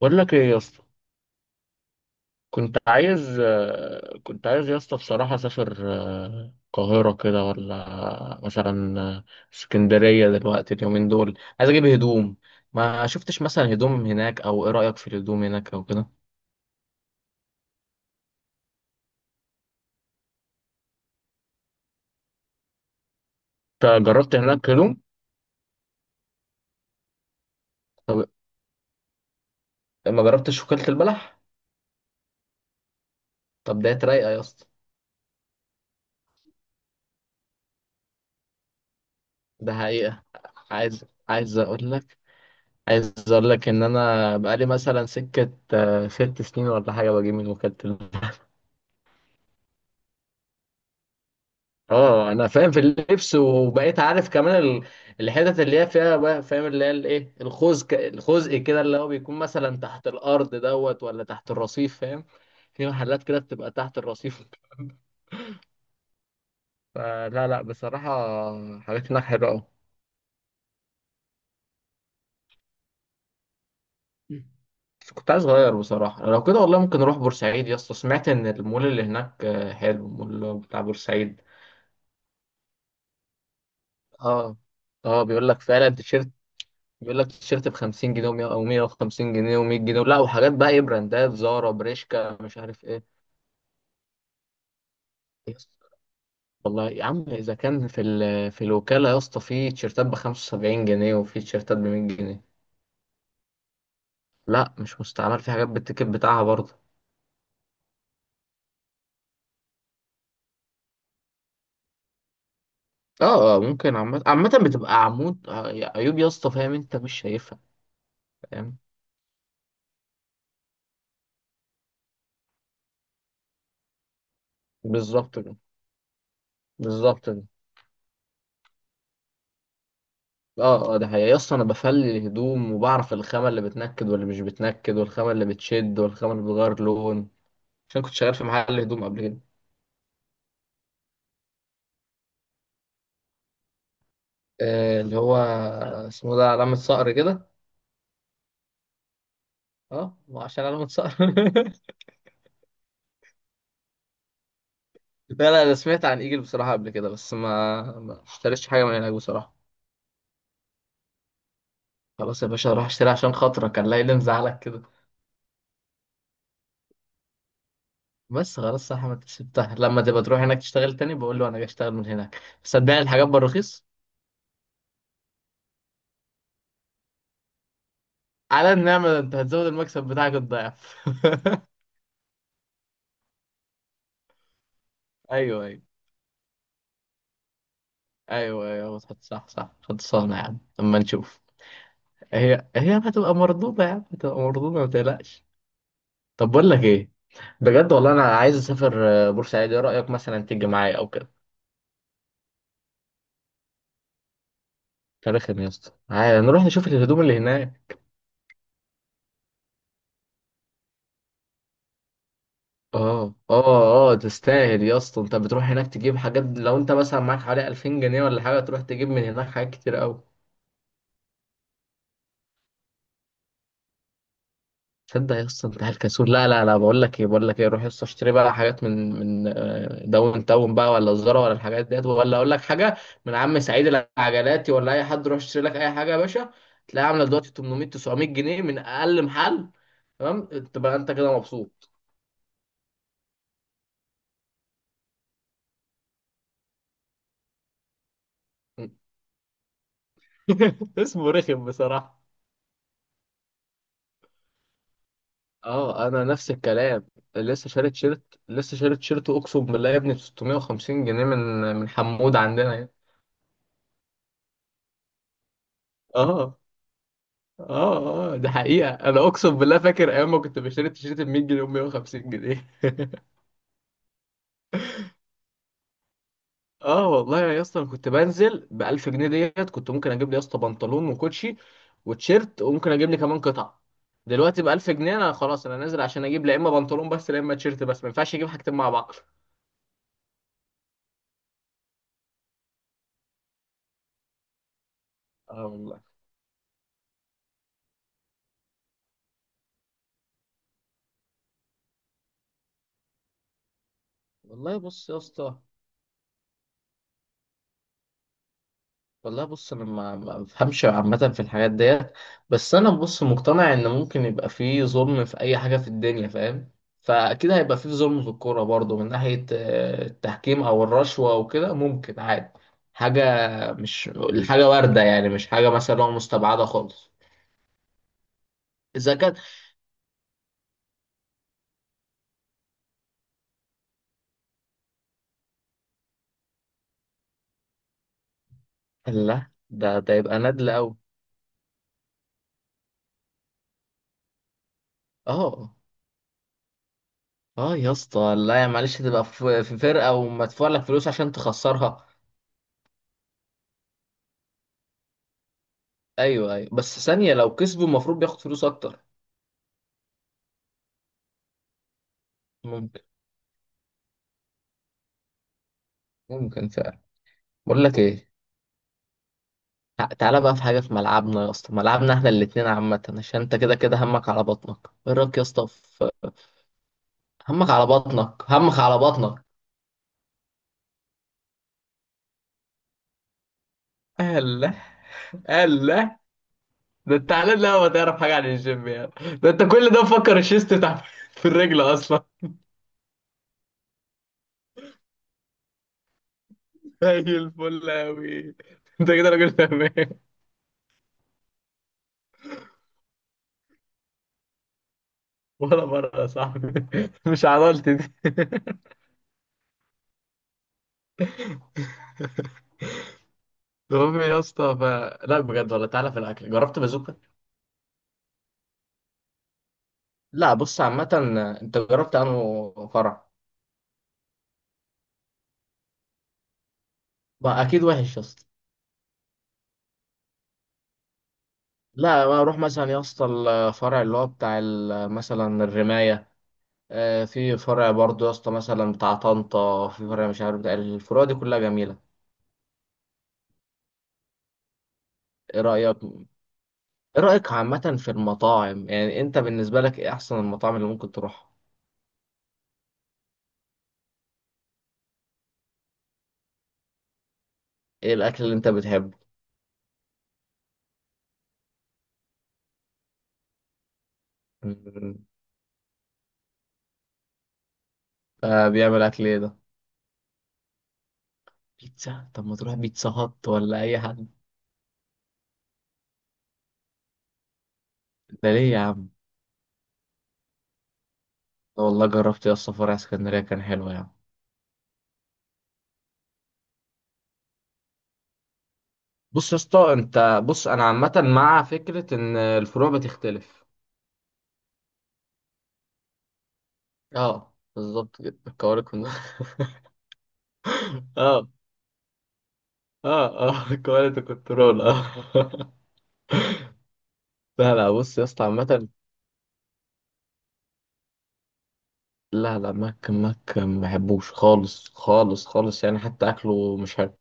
بقول لك ايه يا اسطى. كنت عايز كنت عايز يا اسطى بصراحة اسافر القاهرة كده، ولا مثلا اسكندرية؟ دلوقتي اليومين دول عايز اجيب هدوم. ما شفتش مثلا هدوم هناك، او ايه رأيك في الهدوم هناك او كده؟ انت جربت هناك هدوم؟ طب ما جربتش وكالة البلح؟ طب ده رايقة يا اسطى؟ ده حقيقة. عايز اقول لك، عايز اقول لك ان انا بقالي مثلا سكة ست سنين ولا حاجة بجيب من وكالة البلح. اه انا فاهم في اللبس، وبقيت عارف كمان الحتت اللي هي فيها، بقى فاهم اللي هي الايه، الخزق كده، اللي هو بيكون مثلا تحت الارض دوت، ولا تحت الرصيف، فاهم؟ في محلات كده بتبقى تحت الرصيف. فلا لا، بصراحة حاجات هناك حلوة أوي. بس كنت عايز أغير بصراحة. لو كده والله ممكن أروح بورسعيد يا اسطى، سمعت إن المول اللي هناك حلو، المول بتاع بورسعيد. اه اه بيقول لك فعلا التيشيرت، بيقول لك تيشيرت ب 50 جنيه، او 150 جنيه و100 جنيه، لا. وحاجات بقى ايه، براندات زارا، بريشكا، مش عارف ايه. يا اسطى، والله يا عم اذا كان في في الوكاله يا اسطى في تيشيرتات ب 75 جنيه، وفي تيشيرتات ب 100 جنيه. لا مش مستعمل، في حاجات بالتيكت بتاعها برضه. اه اه ممكن. عامة بتبقى عمود، عيوب يا اسطى، فاهم؟ انت مش شايفها. فاهم. بالظبط كده. بالظبط كده. اه اه، ده حقيقي يا اسطى، انا بفلي الهدوم، وبعرف الخامة اللي بتنكد واللي مش بتنكد، والخامة اللي بتشد، والخامة اللي بتغير لون. عشان كنت شغال في محل هدوم قبل كده. اللي هو اسمه ده علامة صقر كده. اه، وعشان علامة صقر. لا لا، انا سمعت عن ايجل بصراحة قبل كده، بس ما اشتريتش حاجة من هناك بصراحة. خلاص يا باشا اروح اشتري عشان خاطرك، كان لا اللي مزعلك كده. بس خلاص يا احمد، سبتها لما تبقى تروح هناك تشتغل تاني، بقول له انا جاي اشتغل من هناك، صدقني الحاجات بالرخيص. على النعمة، ده انت هتزود المكسب بتاعك الضعف. ايوه ايوه. ايوه ايوه، صح صح صح، خد صانع يا عم اما نشوف. هي هتبقى مردودة يعني، هتبقى مردودة ما تقلقش. طب بقول لك ايه، بجد والله انا عايز اسافر بورسعيد، ايه رأيك مثلا تيجي معايا او كده؟ فرخم يا اسطى، عايز نروح نشوف الهدوم اللي هناك. اه اه. اه تستاهل يا اسطى، انت بتروح هناك تجيب حاجات، لو انت مثلا معاك حوالي 2000 جنيه ولا حاجة، تروح تجيب من هناك حاجات كتير قوي. تصدق يا اسطى انت الكسول؟ لا لا لا، بقول لك ايه، بقول لك ايه، روح يا اسطى اشتري بقى حاجات من داون تاون بقى، ولا الزارا، ولا الحاجات ديت، ولا اقول لك حاجه، من عم سعيد العجلاتي، ولا اي حد، روح اشتري لك اي حاجه يا باشا، تلاقيها عامله دلوقتي 800 900 جنيه من اقل محل. تمام، تبقى انت كده مبسوط. اسمه رخم بصراحه. اه انا نفس الكلام. لسه شاري تيشيرت، اقسم بالله يا ابني، ب 650 جنيه من حمود عندنا يعني. اه اه اه، ده حقيقة، انا اقسم بالله فاكر ايام ما كنت بشتري التيشيرت ب 100 جنيه و 150 جنيه. اه والله يا اسطى، انا كنت بنزل ب 1000 جنيه ديت، كنت ممكن اجيب لي يا اسطى بنطلون، وكوتشي، وتيشيرت، وممكن اجيب لي كمان قطعة. دلوقتي ب 1000 جنيه انا خلاص، انا نازل عشان اجيب لا اما بنطلون بس لا اما تيشيرت بس، ما ينفعش اجيب حاجتين مع بعض. اه والله. والله بص يا اسطى، والله بص انا ما بفهمش عامه في الحاجات ديت. بس انا بص مقتنع ان ممكن يبقى فيه ظلم في اي حاجه في الدنيا، فاهم؟ فاكيد هيبقى فيه ظلم في الكوره برضو، من ناحيه التحكيم او الرشوه وكده، ممكن عادي، حاجه مش الحاجه وارده يعني، مش حاجه مثلا هو مستبعده خالص. اذا كان. لا ده يبقى نادل قوي. اه اه يا اسطى، لا يا معلش، تبقى في فرقه، ومدفوع لك فلوس عشان تخسرها. ايوه ايوه، بس ثانيه، لو كسبوا المفروض بياخد فلوس اكتر. ممكن. ممكن فعلا. بقول لك ايه، تعالى بقى في حاجه في ملعبنا يا اسطى، ملعبنا احنا الاتنين عامه، عشان انت كده كده همك على بطنك، ايه رايك يا اسطى في. همك على بطنك، همك على بطنك. الله. الله. ده انت على، لا ما تعرف حاجه عن الجيم يعني؟ ده انت كل ده مفكر الشيست بتاع. في الرجل اصلا. زي الفل اوي، انت كده راجل تمام. ولا مره يا صاحبي، مش عضلتي دي. المهم يا اسطى ف... لا بجد والله، تعالى في الاكل، جربت بازوكا؟ لا بص عامة. انت جربت انه فرع؟ بقى اكيد وحش يا اسطى. لا بقى اروح مثلا يا اسطى الفرع اللي هو بتاع مثلا الرماية، في فرع برضو يا اسطى، مثلا بتاع طنطا في فرع، مش عارف، بتاع الفروع دي كلها جميلة. ايه رأيك؟ ايه رأيك عامة في المطاعم يعني؟ انت بالنسبة لك ايه احسن المطاعم اللي ممكن تروحها؟ ايه الاكل اللي انت بتحبه؟ مم. بيعمل اكل ايه ده؟ بيتزا. طب ما تروح بيتزا هات، ولا اي حد؟ ده ليه يا عم؟ والله جربت يا اسطى فرع اسكندرية كان حلو يعني. بص يا اسطى، انت بص، انا عامه مع فكره ان الفروع بتختلف. اه بالظبط كده، الكوارث اه اه، اه كواليتي كنترول اه. لا لا بص يا اسطى عامة. لا لا، ماك ماك ما بحبوش خالص خالص خالص، يعني حتى اكله مش حلو.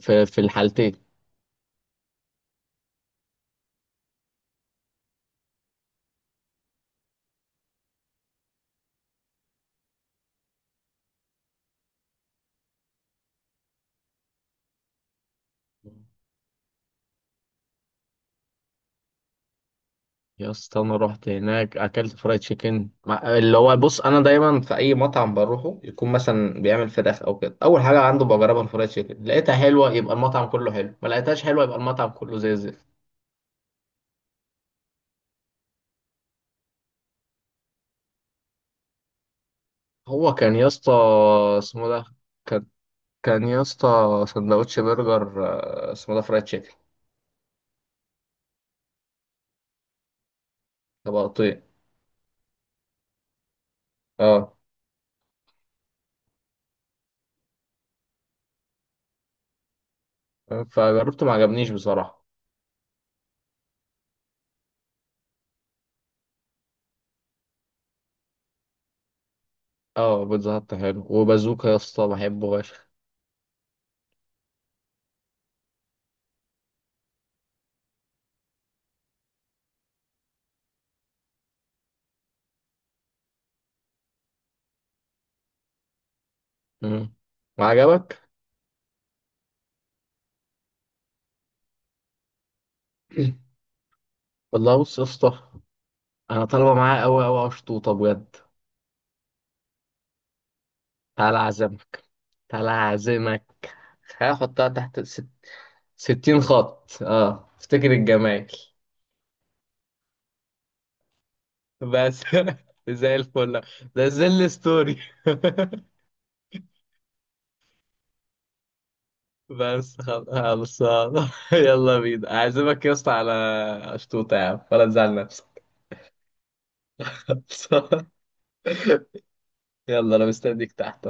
في في الحالتين. يا اسطى، انا رحت هناك اكلت فرايد تشيكن اللي هو بص انا دايما في اي مطعم بروحه يكون مثلا بيعمل فراخ او كده، اول حاجه عنده بجربها الفرايد تشيكن، لقيتها حلوه يبقى المطعم كله حلو، ما لقيتهاش حلوه يبقى المطعم كله زي الزفت. هو كان يا اسطى اسمه ده، كان كان يا اسطى سندوتش برجر، اسمه ده فرايد تشيكن. طبقتين. اه. فجربته ما عجبنيش بصراحه. اه، بيتزا هت حلو، وبازوكا يا اسطى بحبه فشخ. مم. ما عجبك. والله بص يا اسطى، انا طالبه معاه قوي قوي اشطوطه بجد. تعالى اعزمك، تعالى اعزمك، هحطها تحت ست... 60 خط، اه افتكر الجمايل. بس. زي الفل. ده زي الستوري. بس خلاص. يلا بينا اعزمك يا اسطى على اشطوطه يا عم، ولا تزعل نفسك. يلا انا مستنيك تحت.